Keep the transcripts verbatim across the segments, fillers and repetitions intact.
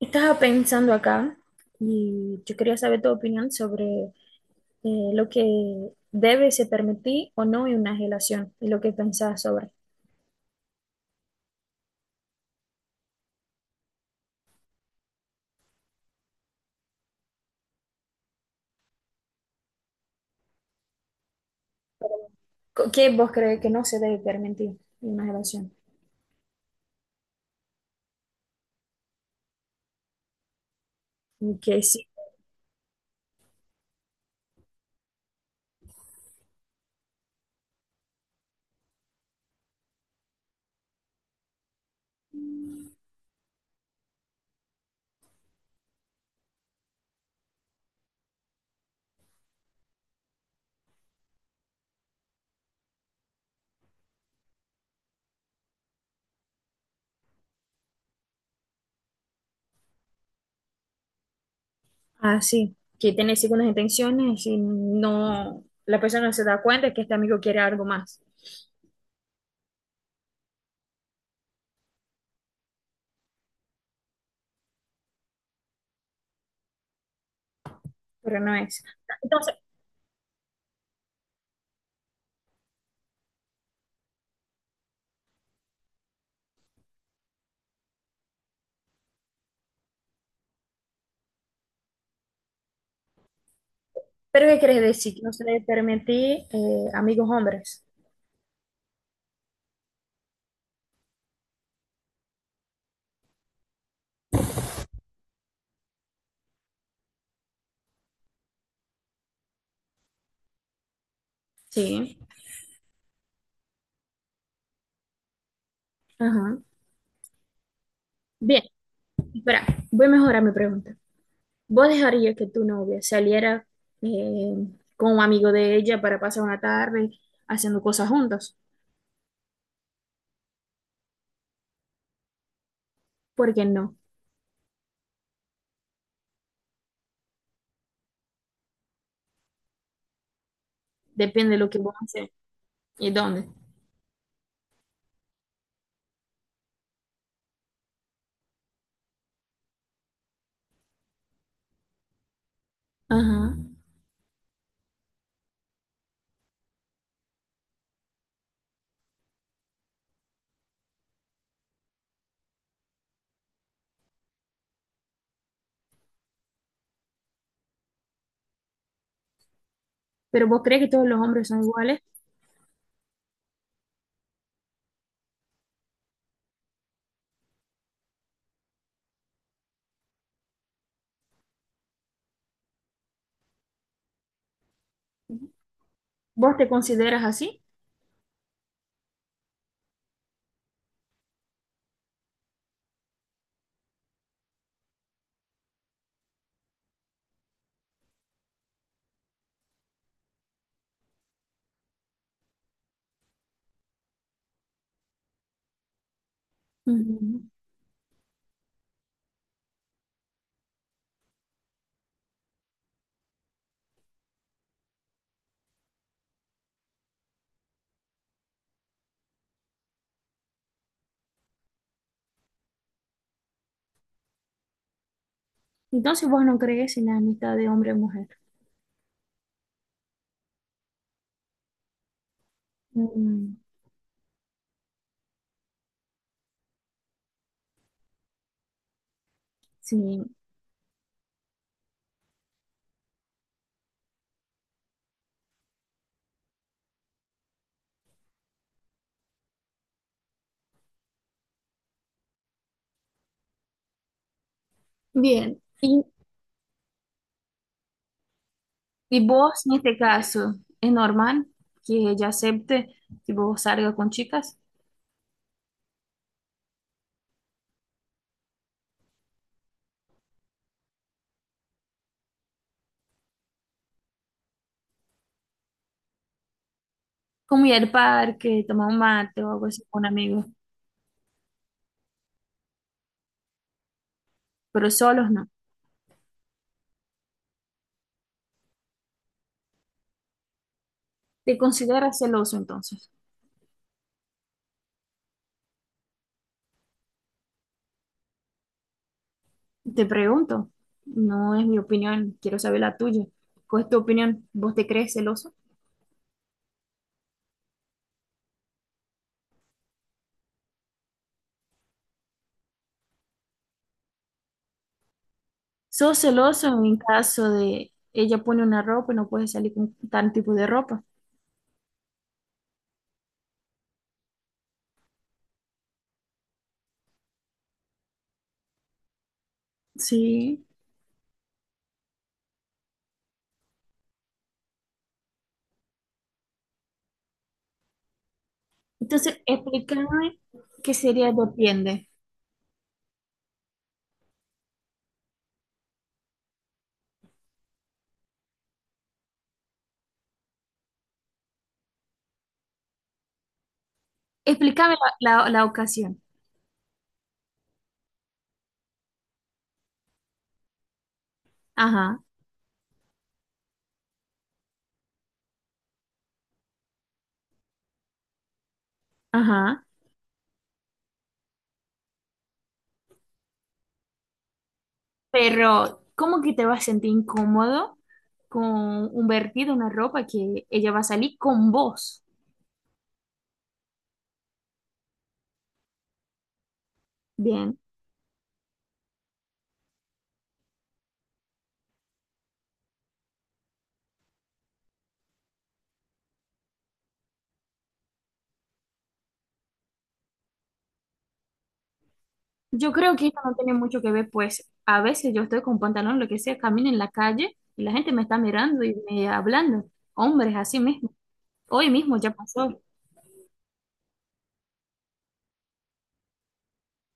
Estaba pensando acá y yo quería saber tu opinión sobre eh, lo que debe se permitir o no en una relación y lo que pensás sobre. Co- ¿Qué vos crees que no se debe permitir en una relación? Y que sí, ah, sí, que tiene segundas intenciones y no, la persona no se da cuenta que este amigo quiere algo más, pero no es. Entonces, ¿pero qué querés decir? Que no se debe permitir eh, amigos hombres. Sí. Ajá. Bien, espera, voy a mejorar mi pregunta. ¿Vos dejarías que tu novia saliera eh, con un amigo de ella para pasar una tarde haciendo cosas juntos? ¿Por qué no? Depende de lo que vos haces y dónde. Ajá. Pero vos crees que todos los hombres son iguales. ¿Vos te consideras así? Ujú. Entonces vos no crees en la amistad de hombre y mujer. Mm, sí. Bien. ¿Y, y vos en este caso es normal que ella acepte que vos salgas con chicas? Como ir al parque, tomar un mate o algo así con amigos. Pero solos no. ¿Te consideras celoso entonces? Te pregunto, no es mi opinión, quiero saber la tuya. ¿Cuál es tu opinión? ¿Vos te crees celoso? ¿Sos celoso en caso de ella pone una ropa y no puedes salir con tal tipo de ropa? Sí. Entonces, explícame qué sería depende. Explícame la, la, la ocasión. Ajá, ajá. Pero, ¿cómo que te vas a sentir incómodo con un vertido, una ropa que ella va a salir con vos? Bien. Yo creo que eso no tiene mucho que ver, pues a veces yo estoy con pantalón, lo que sea, camino en la calle y la gente me está mirando y me hablando. Hombres, así mismo. Hoy mismo ya pasó.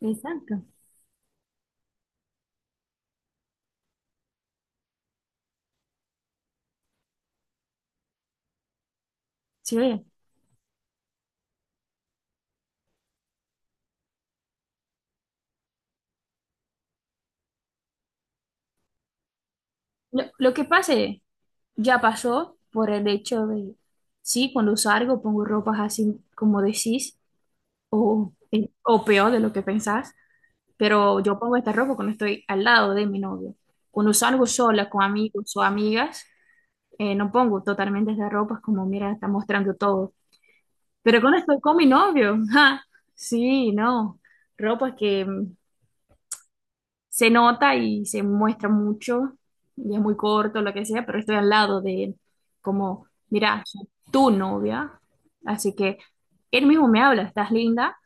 Exacto. Sí. Lo, lo que pase ya pasó por el hecho de, sí, cuando salgo pongo ropas así como decís o, eh, o peor de lo que pensás, pero yo pongo esta ropa cuando estoy al lado de mi novio. Cuando salgo sola con amigos o amigas. Eh, no pongo totalmente de ropas como, mira, está mostrando todo. Pero cuando estoy con mi novio, ja, sí, no, ropas que mm, se nota y se muestra mucho, y es muy corto, lo que sea, pero estoy al lado de él, como, mira, soy tu novia, así que él mismo me habla, estás linda,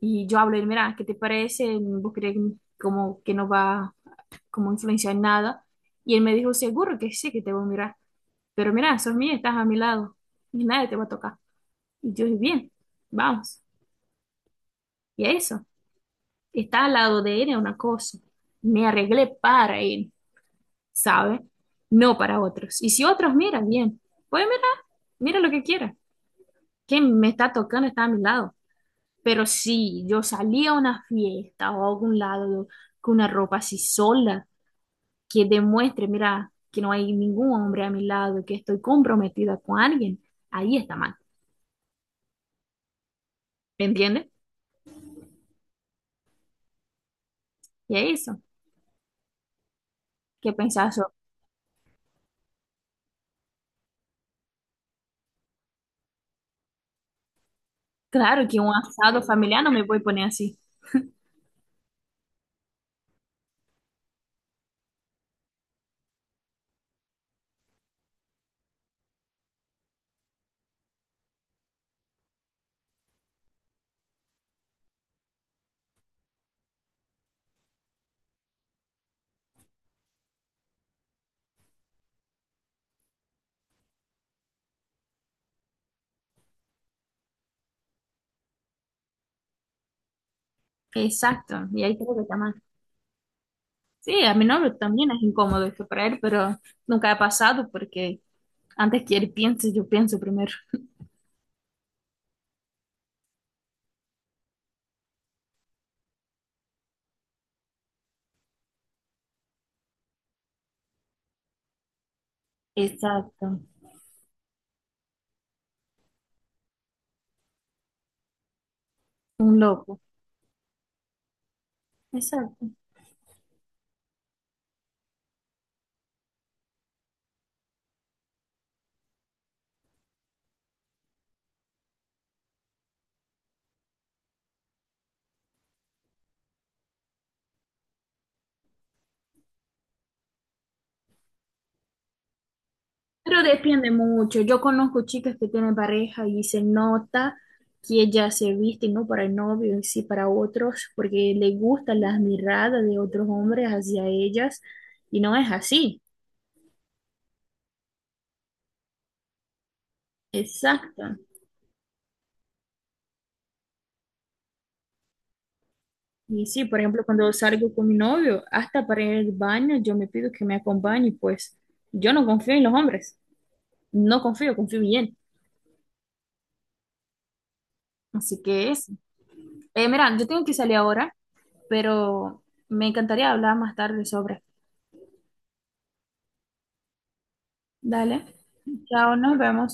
y yo hablo, y, mira, ¿qué te parece? ¿Vos crees como que no va como influenciar en nada? Y él me dijo, seguro que sí, que te voy a mirar. Pero mira, sos mía, estás a mi lado y nadie te va a tocar. Y yo dije, bien, vamos. Y eso, estar al lado de él es una cosa. Me arreglé para él, ¿sabes? No para otros. Y si otros miran, bien, pues mira, mira lo que quiera. Quien me está tocando está a mi lado. Pero si yo salía a una fiesta o a algún lado con una ropa así sola, que demuestre, mira, que no hay ningún hombre a mi lado, que estoy comprometida con alguien, ahí está mal. ¿Me entiendes? Y es eso. Que pensar eso. Claro que un asado familiar no me voy a poner así. Exacto, y ahí creo que está mal. Sí, a mi novio también es incómodo esto para él, pero nunca ha pasado porque antes que él piense, yo pienso primero. Exacto, un loco. Exacto. Pero depende mucho. Yo conozco chicas que tienen pareja y se nota que ellas se visten no para el novio, y sí para otros, porque le gustan las miradas de otros hombres hacia ellas y no es así. Exacto. Y sí, por ejemplo, cuando salgo con mi novio, hasta para ir al baño, yo me pido que me acompañe, pues yo no confío en los hombres, no confío, confío bien. Así que es. Eh, mira, yo tengo que salir ahora, pero me encantaría hablar más tarde sobre. Dale, chao, nos vemos.